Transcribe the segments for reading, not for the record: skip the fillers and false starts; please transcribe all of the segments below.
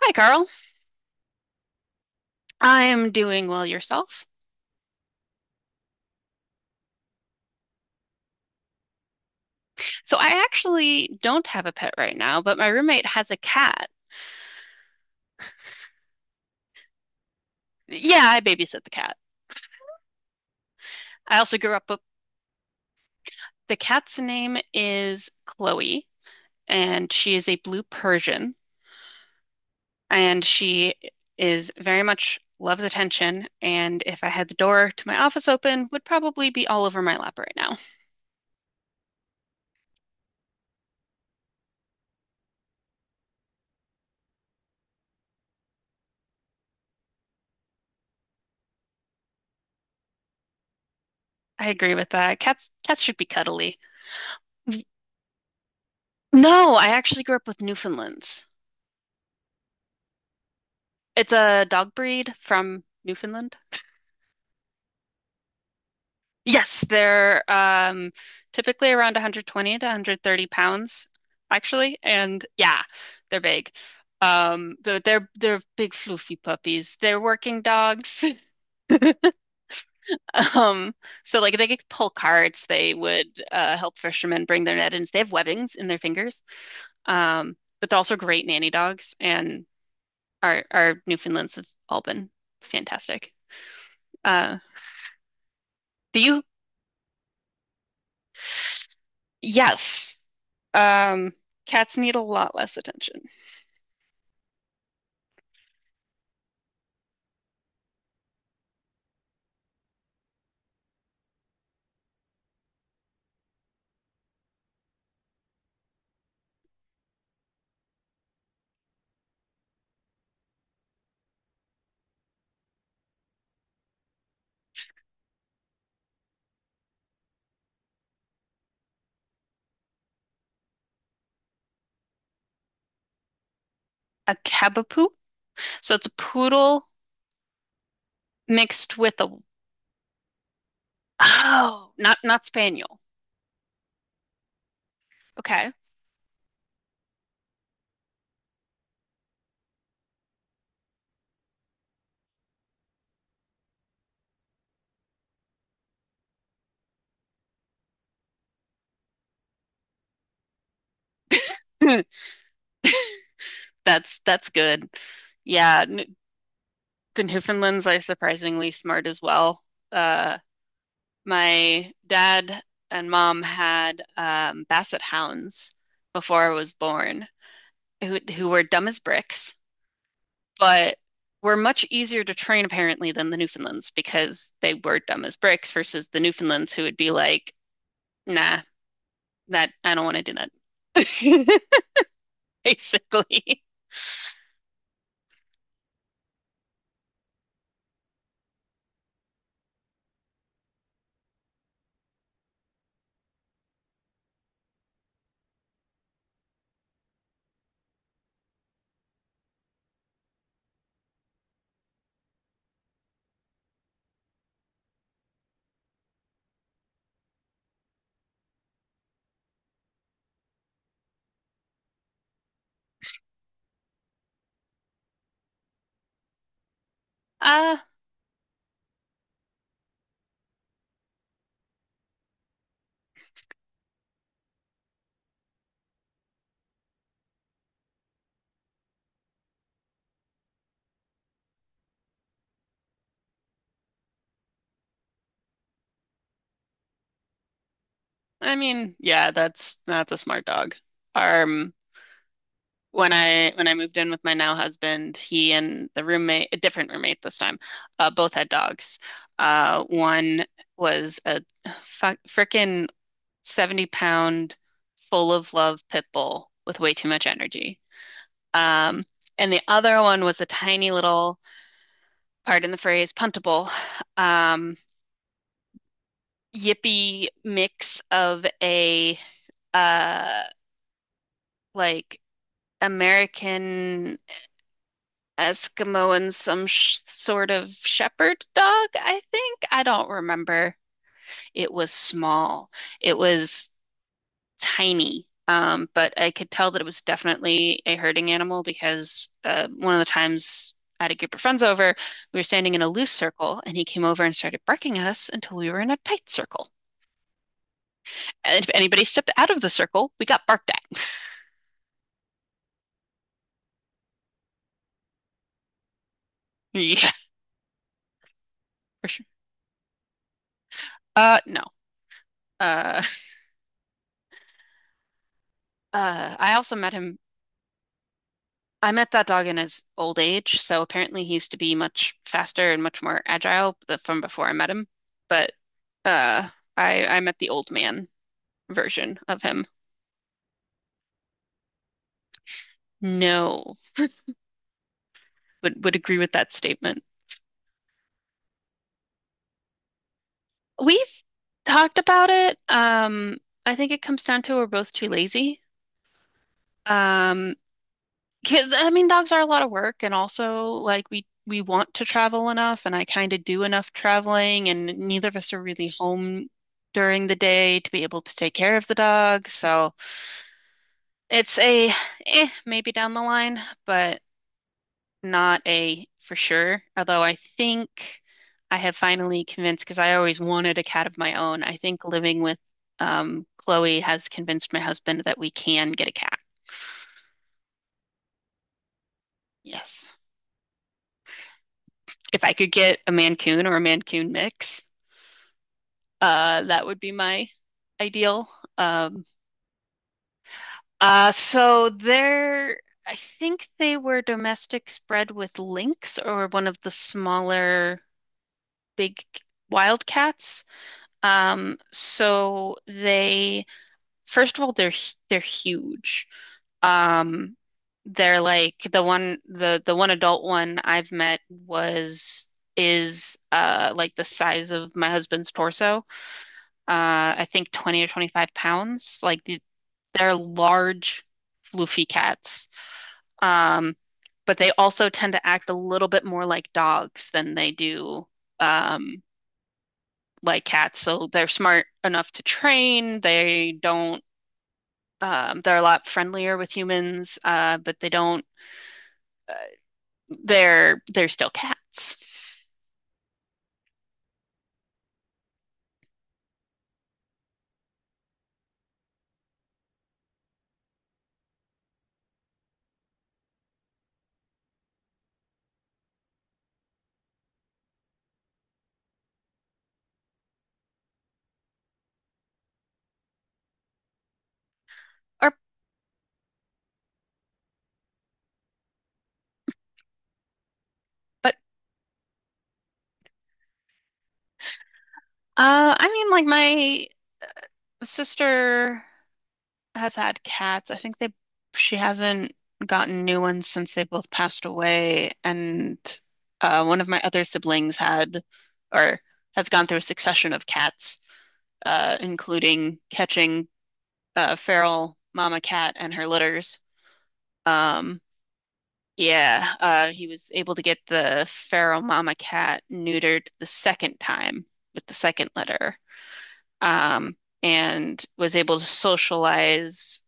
Hi, Carl. I'm doing well yourself. So I actually don't have a pet right now, but my roommate has a cat. Yeah, I babysit the cat. I also grew up with the cat's name is Chloe, and she is a blue Persian, and she is very much loves attention, and if I had the door to my office open, would probably be all over my lap right now. I agree with that. Cats should be cuddly. No, I actually grew up with Newfoundlands. It's a dog breed from Newfoundland. Yes, they're typically around 120 to 130 pounds, actually, and yeah, they're big. But they're big fluffy puppies. They're working dogs. Um, so like they could pull carts. They would help fishermen bring their net in. They have webbings in their fingers. But they're also great nanny dogs, and our Newfoundlands have all been fantastic. Uh, do you? Yes. Um, cats need a lot less attention. A Cavapoo. So it's a poodle mixed with a oh, not not spaniel. Okay. That's good. Yeah, the Newfoundlands are surprisingly smart as well. Uh, my dad and mom had Basset hounds before I was born, who were dumb as bricks, but were much easier to train apparently than the Newfoundlands because they were dumb as bricks versus the Newfoundlands who would be like, nah, that I don't want to do that. Basically. Uh, I mean, yeah, that's a smart dog. Um, when I moved in with my now husband, he and the roommate, a different roommate this time, both had dogs. One was a fuck frickin' 70 pound full of love pit bull with way too much energy. Um, and the other one was a tiny little, pardon the phrase, puntable, um, yippy mix of a uh like American Eskimo and some sh sort of shepherd dog, I think. I don't remember. It was small. It was tiny. But I could tell that it was definitely a herding animal because one of the times I had a group of friends over, we were standing in a loose circle, and he came over and started barking at us until we were in a tight circle. And if anybody stepped out of the circle, we got barked at. Yeah, for sure. No. Uh, I also met him. I met that dog in his old age, so apparently he used to be much faster and much more agile from before I met him. But uh, I met the old man version of him. No, would agree with that statement. We've talked about it. I think it comes down to we're both too lazy. Um, Kids, I mean, dogs are a lot of work, and also like we want to travel enough, and I kind of do enough traveling, and neither of us are really home during the day to be able to take care of the dog. So it's a eh, maybe down the line, but not a for sure. Although I think I have finally convinced, because I always wanted a cat of my own. I think living with Chloe has convinced my husband that we can get a cat. Yes. If I could get a Mancoon or a Mancoon mix. That would be my ideal. Um, so there, I think they were domestic spread with lynx or one of the smaller big wildcats. So they, first of all, they're huge. Um, they're like the one adult one I've met was is like the size of my husband's torso. I think 20 or 25 pounds. Like the, they're large, floofy cats. Um, but they also tend to act a little bit more like dogs than they do um, like cats. So they're smart enough to train. They don't. They're a lot friendlier with humans, but they don't. They're still cats. Or but I mean, like my sister has had cats. I think they she hasn't gotten new ones since they both passed away. And one of my other siblings had or has gone through a succession of cats, including catching a feral mama cat and her litters. Um, yeah, he was able to get the feral mama cat neutered the second time with the second litter. Um, and was able to socialize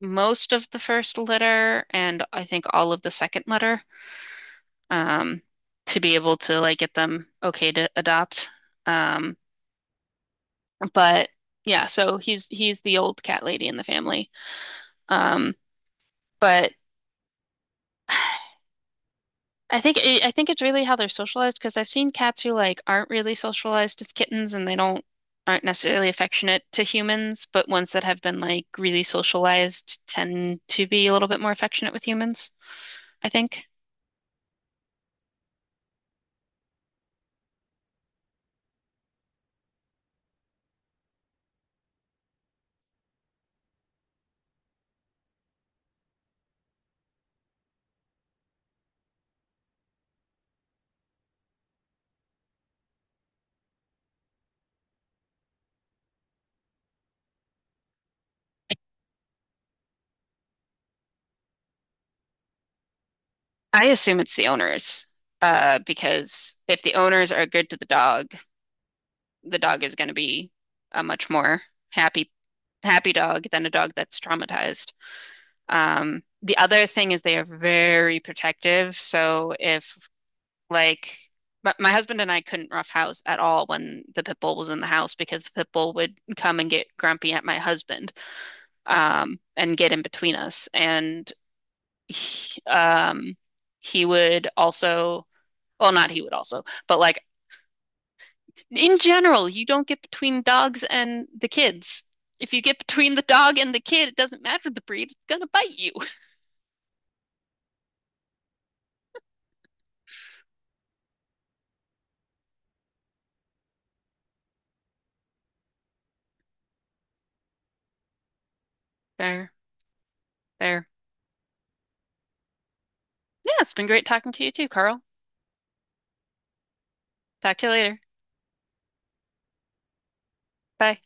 most of the first letter and I think all of the second letter um, to be able to like get them okay to adopt. Um, but yeah, so he's the old cat lady in the family. Um, but I think it's really how they're socialized because I've seen cats who like aren't really socialized as kittens and they don't aren't necessarily affectionate to humans, but ones that have been like really socialized tend to be a little bit more affectionate with humans, I think. I assume it's the owners, because if the owners are good to the dog is going to be a much more happy, happy dog than a dog that's traumatized. The other thing is they are very protective. So if like my husband and I couldn't rough house at all when the pit bull was in the house because the pit bull would come and get grumpy at my husband, and get in between us. And he, um, he would also well, not he would also, but like in general, you don't get between dogs and the kids. If you get between the dog and the kid, it doesn't matter the breed, it's gonna bite you. Fair, fair. Yeah, it's been great talking to you too, Carl. Talk to you later. Bye.